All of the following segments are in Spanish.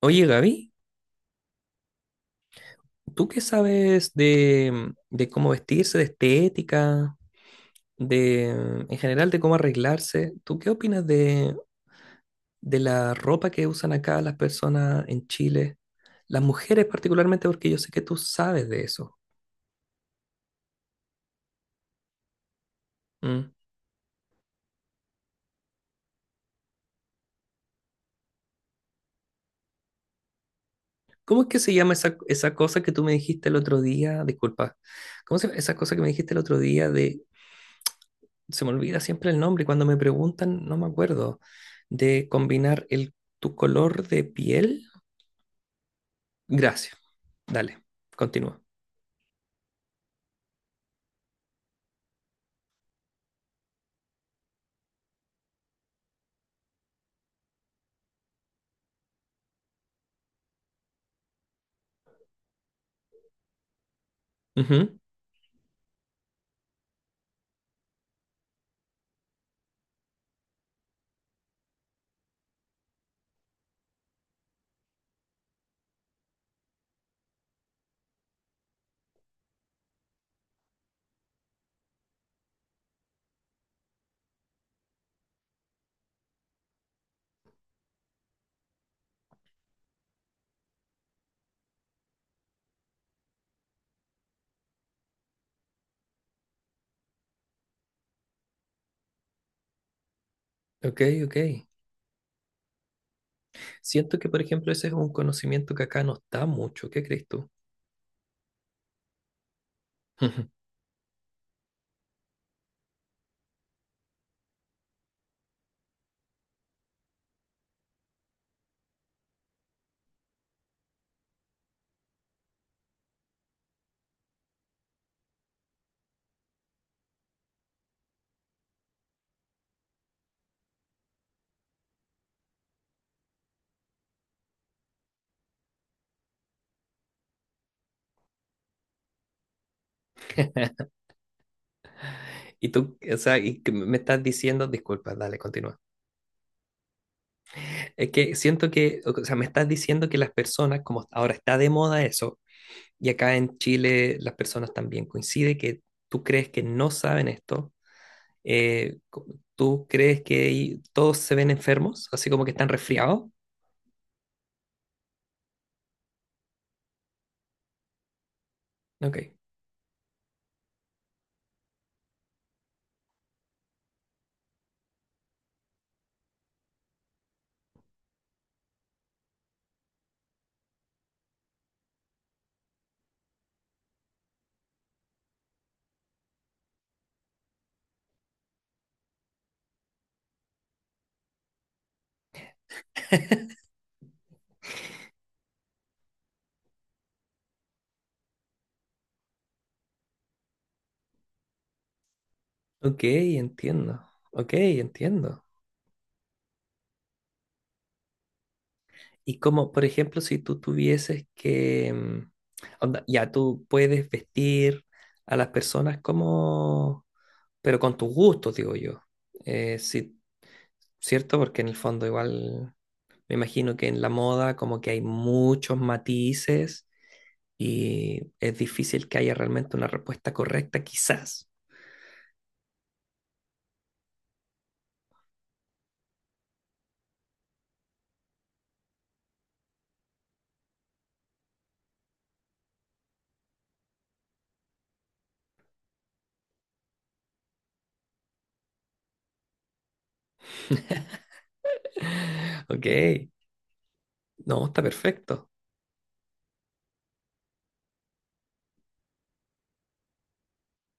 Oye, Gaby, ¿tú qué sabes de cómo vestirse, de estética, de, en general, de cómo arreglarse? ¿Tú qué opinas de la ropa que usan acá las personas en Chile? Las mujeres particularmente, porque yo sé que tú sabes de eso. ¿Mm? ¿Cómo es que se llama esa cosa que tú me dijiste el otro día? Disculpa. ¿Cómo se llama esa cosa que me dijiste el otro día de... Se me olvida siempre el nombre y cuando me preguntan no me acuerdo. De combinar el, tu color de piel. Gracias. Dale, continúa. Ujú. Ok, ok. Siento que, por ejemplo, ese es un conocimiento que acá no está mucho. ¿Qué crees tú? Y tú, o sea, y que me estás diciendo, disculpa, dale, continúa. Es que siento que, o sea, me estás diciendo que las personas, como ahora está de moda eso, y acá en Chile las personas también coincide que tú crees que no saben esto, eh, co- tú crees que todos se ven enfermos, así como que están resfriados. Ok. Ok, entiendo. Ok, entiendo. Y como, por ejemplo, si tú tuvieses que, onda, ya tú puedes vestir a las personas como, pero con tus gustos, digo yo. Sí, cierto, porque en el fondo igual me imagino que en la moda como que hay muchos matices y es difícil que haya realmente una respuesta correcta, quizás. Ok, no, está perfecto.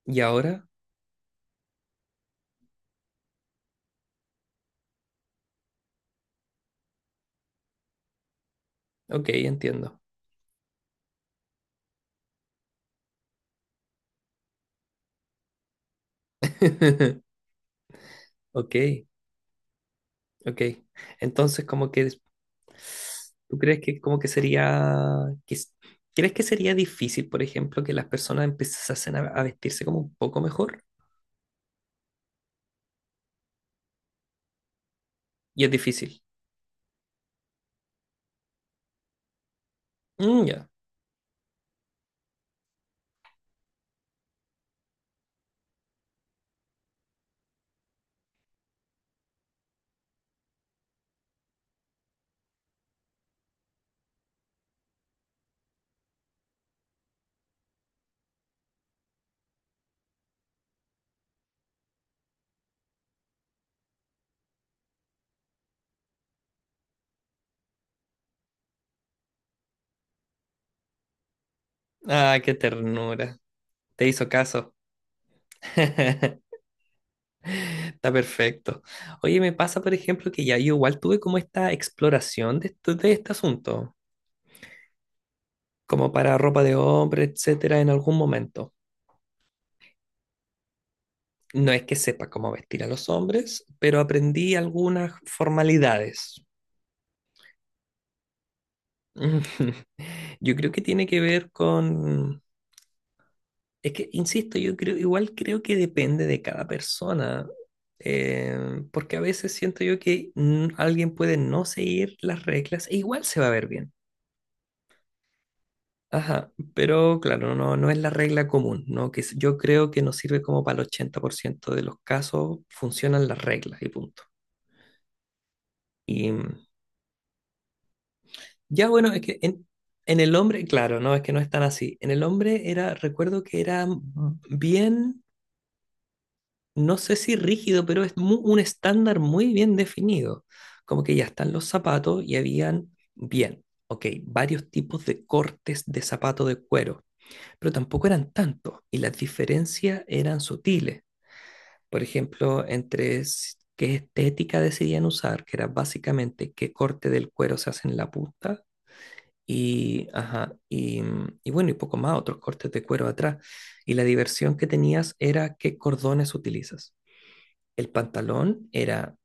Y ahora, ok, entiendo. Ok, ok. Entonces, como que tú crees que como que sería que s- ¿crees que sería difícil, por ejemplo, que las personas empezasen a vestirse como un poco mejor? Y es difícil. Mm, ya. Ah, qué ternura. Te hizo caso. Está perfecto. Oye, me pasa, por ejemplo, que ya yo igual tuve como esta exploración de este asunto, como para ropa de hombre, etcétera, en algún momento. No es que sepa cómo vestir a los hombres, pero aprendí algunas formalidades. Yo creo que tiene que ver con... Es que, insisto, yo creo, igual creo que depende de cada persona, porque a veces siento yo que alguien puede no seguir las reglas e igual se va a ver bien. Ajá, pero claro, no, no es la regla común, ¿no? Yo creo que nos sirve como para el 80% de los casos funcionan las reglas y punto. mm, Ya bueno, es que en el hombre, claro, no, es que no es tan así. En el hombre era, recuerdo que era bien, no sé si rígido, pero es un estándar muy bien definido. Como que ya están los zapatos y habían, bien, ok, varios tipos de cortes de zapato de cuero, pero tampoco eran tantos y las diferencias eran sutiles. Por ejemplo, entre qué estética decidían usar, que era básicamente qué corte del cuero se hace en la punta y, ajá, y bueno, y poco más, otros cortes de cuero atrás. Y la diversión que tenías era qué cordones utilizas. El pantalón era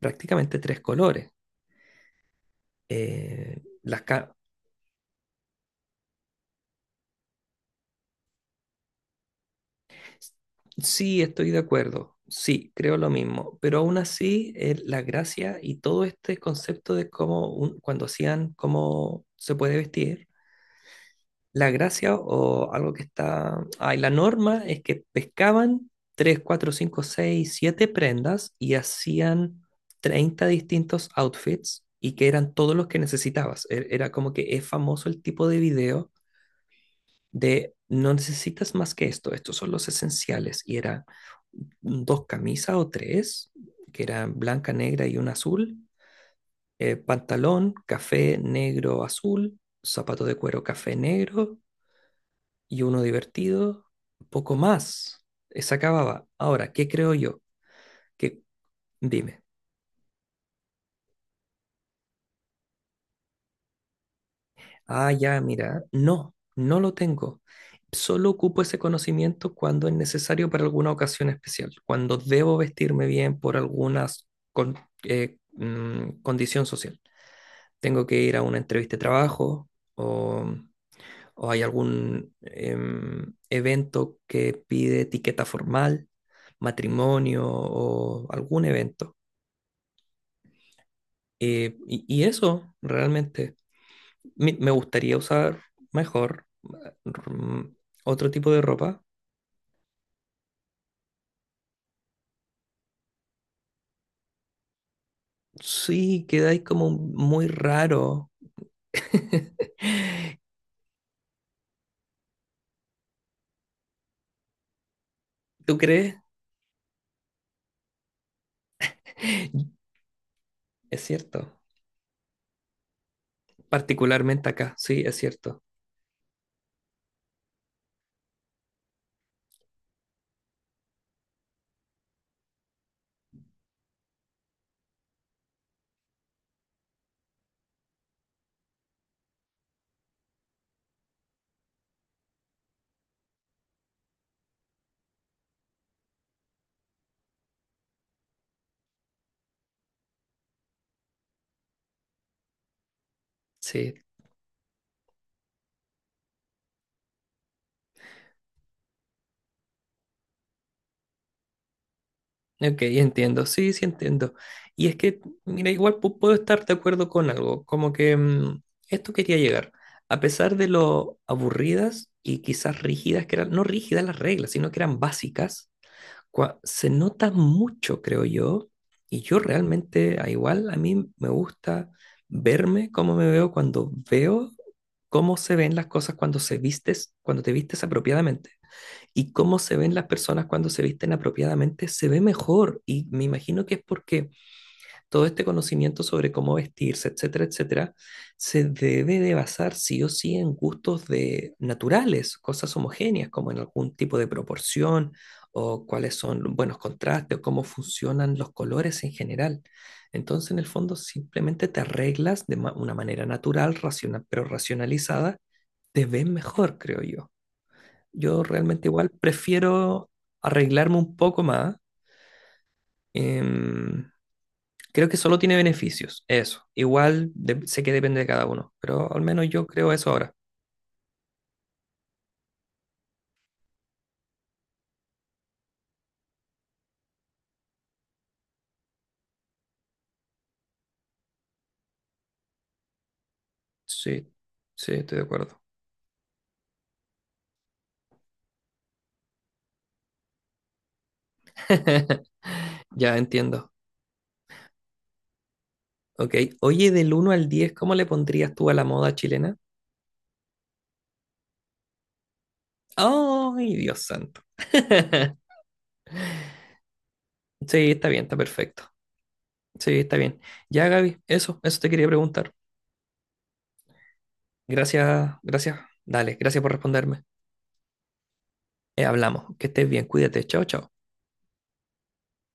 prácticamente tres colores. Eh, las ca- sí, estoy de acuerdo. Sí, creo lo mismo. Pero aún así, la gracia y todo este concepto de cómo, cuando hacían cómo se puede vestir. La gracia o algo que está... Ay, la norma es que pescaban 3 4 5 6 7 prendas y hacían 30 distintos outfits y que eran todos los que necesitabas. Era como que es famoso el tipo de video de no necesitas más que esto, estos son los esenciales. Y era dos camisas o tres, que eran blanca, negra y una azul, pantalón, café, negro, azul, zapatos de cuero, café, negro y uno divertido, poco más. Se acababa. Ahora, ¿qué creo yo? Que dime. Ah, ya, mira, no, no lo tengo. Solo ocupo ese conocimiento cuando es necesario para alguna ocasión especial, cuando debo vestirme bien por alguna condición social. Tengo que ir a una entrevista de trabajo o, o hay algún evento que pide etiqueta formal, matrimonio o algún evento. Y, y eso realmente me gustaría usar mejor mm, otro tipo de ropa. Sí, quedáis como muy raro. ¿Tú crees? Es cierto. Particularmente acá, sí, es cierto. Sí, ok, entiendo, sí, sí entiendo. Y es que, mira, igual puedo estar de acuerdo con algo, como que esto quería llegar. A pesar de lo aburridas y quizás rígidas que eran, no rígidas las reglas, sino que eran básicas, se nota mucho, creo yo, y yo realmente, a igual, a mí me gusta verme cómo me veo cuando veo cómo se ven las cosas cuando se vistes, cuando te vistes apropiadamente. Y cómo se ven las personas cuando se visten apropiadamente, se ve mejor. Y me imagino que es porque todo este conocimiento sobre cómo vestirse, etcétera, etcétera, se debe de basar sí o sí en gustos de naturales, cosas homogéneas, como en algún tipo de proporción o cuáles son buenos contrastes o cómo funcionan los colores en general. Entonces, en el fondo, simplemente te arreglas de una manera natural, racional, pero racionalizada, te ves mejor, creo yo. Yo realmente igual prefiero arreglarme un poco más. Em, Creo que solo tiene beneficios, eso. Igual sé que depende de cada uno, pero al menos yo creo eso ahora. Sí, sí, estoy de acuerdo. Ya entiendo. Ok, oye, del 1 al 10, ¿cómo le pondrías tú a la moda chilena? ¡Ay, Dios santo! Sí, está bien, está perfecto. Sí, está bien. Ya, Gaby, eso te quería preguntar. Gracias, gracias. Dale, gracias por responderme. Hablamos. Que estés bien. Cuídate. Chao, chao.